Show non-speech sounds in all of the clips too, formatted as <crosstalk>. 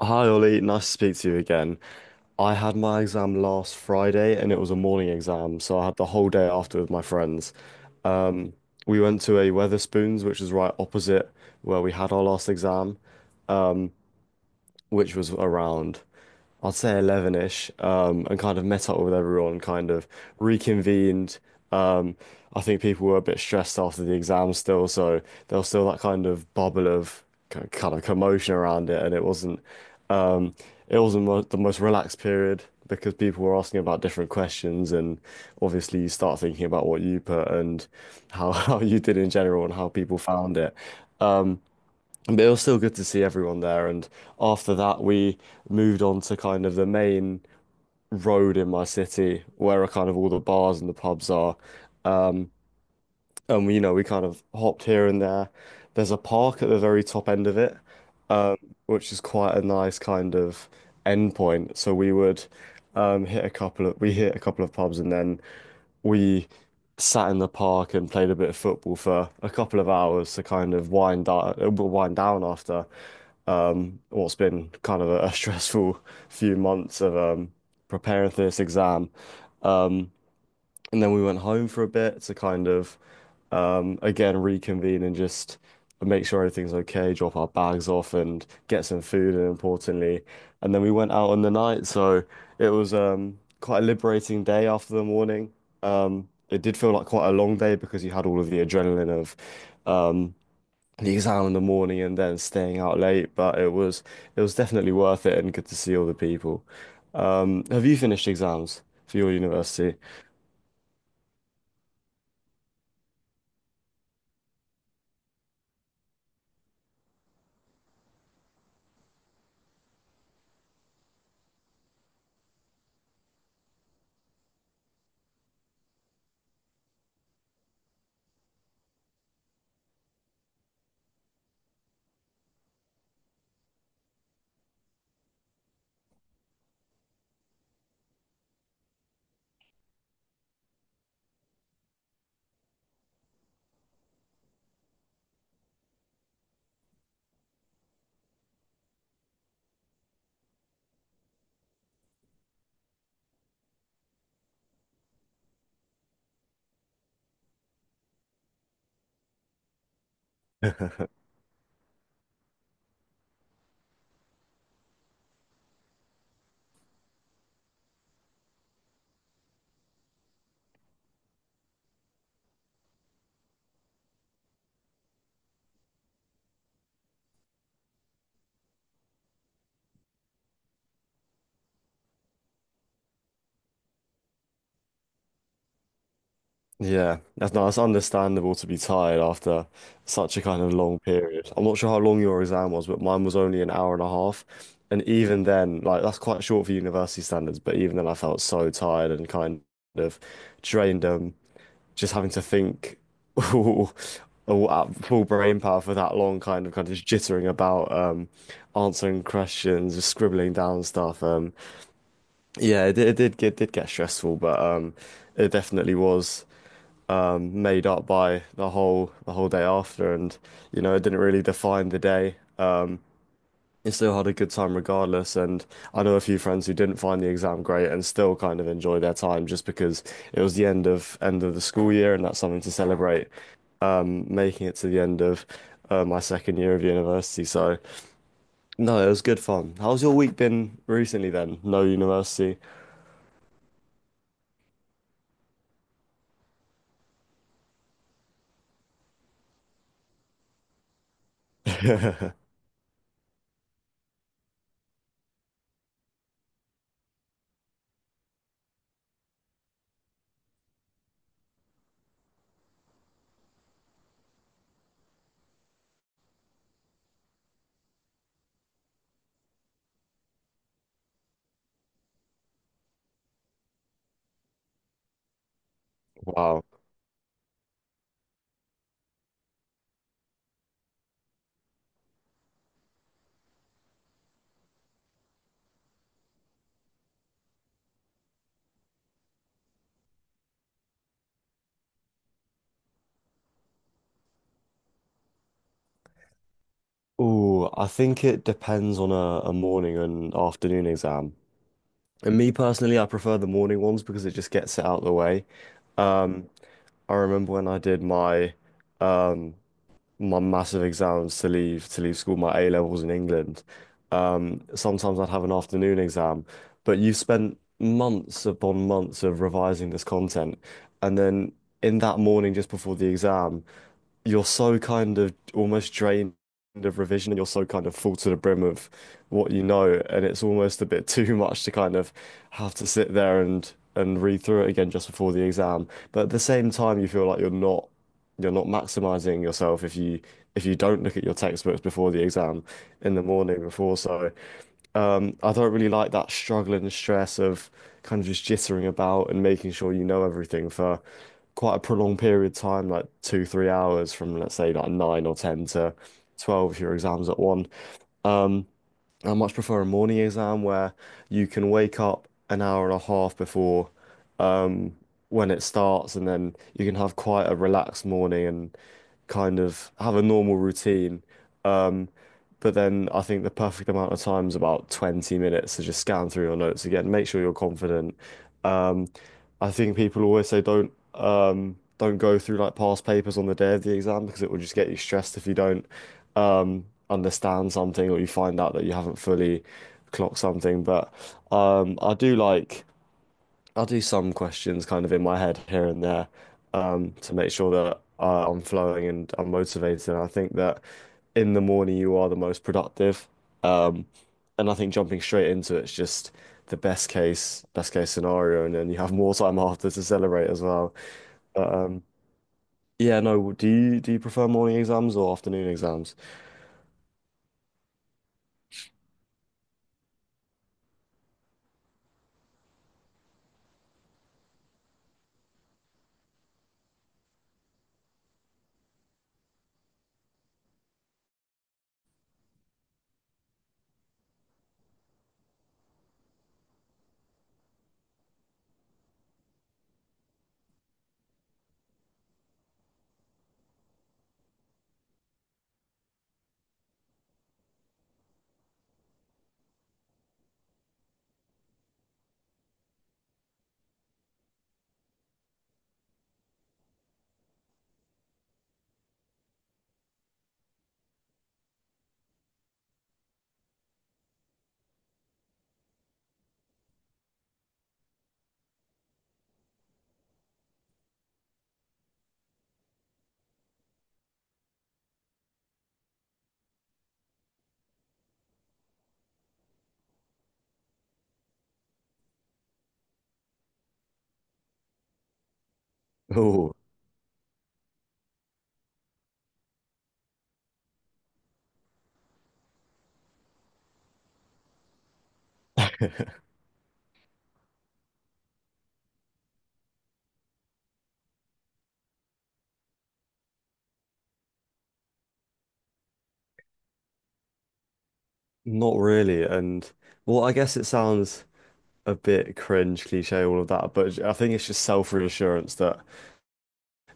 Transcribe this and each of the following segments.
Hi Ollie, nice to speak to you again. I had my exam last Friday and it was a morning exam, so I had the whole day after with my friends. Um, we went to a Weatherspoons, which is right opposite where we had our last exam, which was around, I'd say 11-ish, and kind of met up with everyone, kind of reconvened. Um, I think people were a bit stressed after the exam still, so there was still that kind of bubble of kind of commotion around it, and um, it wasn't mo the most relaxed period because people were asking about different questions, and obviously you start thinking about what you put and how <laughs> how you did in general and how people found it. Um, but it was still good to see everyone there. And after that, we moved on to kind of the main road in my city where are kind of all the bars and the pubs are. Um, and we kind of hopped here and there. There's a park at the very top end of it, um, which is quite a nice kind of end point. So we would hit a couple of pubs and then we sat in the park and played a bit of football for a couple of hours to kind of wind down after what's been kind of a <laughs> stressful few months of preparing for this exam. Um, and then we went home for a bit to kind of, again, reconvene and just make sure everything's okay, drop our bags off and get some food and importantly. And then we went out on the night. So it was quite a liberating day after the morning. It did feel like quite a long day because you had all of the adrenaline of um, the exam in the morning and then staying out late. But it was definitely worth it and good to see all the people. Have you finished exams for your university? <laughs> Yeah, that's no, that's understandable to be tired after such a kind of long period. I'm not sure how long your exam was, but mine was only an hour and a half. And even then, like that's quite short for university standards, but even then I felt so tired and kind of drained just having to think <laughs> all, all at full brain power for that long, kind of just jittering about answering questions, just scribbling down stuff. Yeah, it did get stressful, but it definitely was made up by the whole day after and you know it didn't really define the day. You still had a good time regardless and I know a few friends who didn't find the exam great and still kind of enjoy their time just because it was the end of the school year and that's something to celebrate. Making it to the end of my second year of university, so no, it was good fun. How's your week been recently then? No university. Wow. Ooh, I think it depends on a morning and afternoon exam. And me personally, I prefer the morning ones because it just gets it out of the way. Um, I remember when I did um, my massive exams to leave school, my A levels in England. Sometimes I'd have an afternoon exam, but you spent months upon months of revising this content, and then in that morning just before the exam, you're so kind of almost drained of revision, and you're so kind of full to the brim of what you know, and it's almost a bit <laughs> too much to kind of have to sit there and read through it again just before the exam. But at the same time, you feel like you're not maximizing yourself if you don't look at your textbooks before the exam in the morning before. So I don't really like that struggle and stress of kind of just jittering about and making sure you know everything for quite a prolonged period of time, like two, 3 hours from let's say like nine or ten to 12 if your exam's at one. Um, I much prefer a morning exam where you can wake up an hour and a half before um, when it starts, and then you can have quite a relaxed morning and kind of have a normal routine. Um, but then I think the perfect amount of time is about 20 minutes to just scan through your notes again, make sure you're confident. Um, I think people always say don't go through like past papers on the day of the exam because it will just get you stressed if you don't um, understand something or you find out that you haven't fully clocked something. But I do like. I'll do some questions kind of in my head here and there to make sure that I'm flowing and I'm motivated. And I think that in the morning you are the most productive. Um, and I think jumping straight into it's just the best case scenario. And then you have more time <laughs> after to celebrate as well. But yeah, no, do you prefer morning exams or afternoon exams? Oh, not really. And well, I guess it sounds a bit cringe, cliche, all of that, but I think it's just self-reassurance that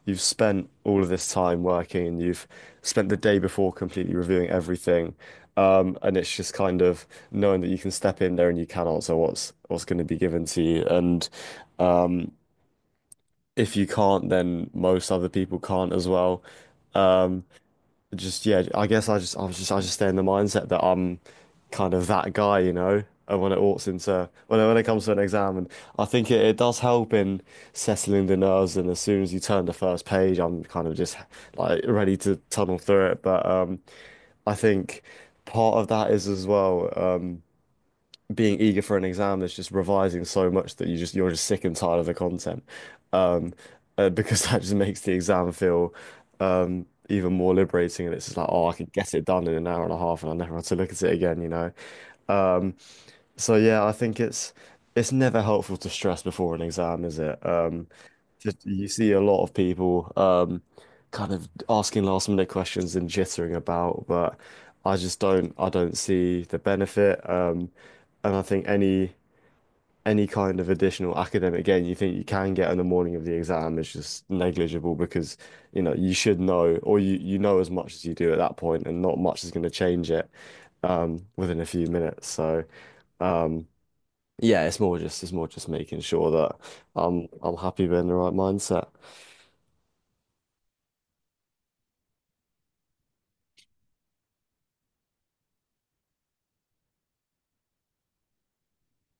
you've spent all of this time working and you've spent the day before completely reviewing everything. And it's just kind of knowing that you can step in there and you can answer what's going to be given to you. And um, if you can't, then most other people can't as well. Um, just yeah, I guess I just I was just I just stay in the mindset that I'm kind of that guy, you know. And when it walks into when it comes to an exam, and I think it does help in settling the nerves. And as soon as you turn the first page, I'm kind of just like ready to tunnel through it. But I think part of that is as well. Being eager for an exam that's just revising so much that you're just sick and tired of the content. Um, because <laughs> that just makes the exam feel even more liberating and it's just like, oh, I could get it done in an hour and a half and I never have to look at it again, you know. Um, so yeah, I think it's never helpful to stress before an exam, is it? You see a lot of people kind of asking last minute questions and jittering about, but I don't see the benefit. And I think any kind of additional academic gain you think you can get on the morning of the exam is just negligible because you know you should know or you know as much as you do at that point, and not much is going to change it within a few minutes. So. Um, yeah, it's more just making sure that I'm happy being in the right mindset. <laughs>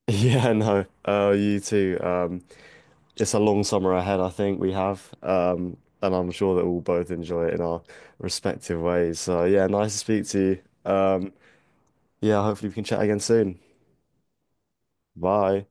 Yeah, no. You too. It's a long summer ahead, I think we have. And I'm sure that we'll both enjoy it in our respective ways. So yeah, nice to speak to you. Yeah, hopefully we can chat again soon. Bye.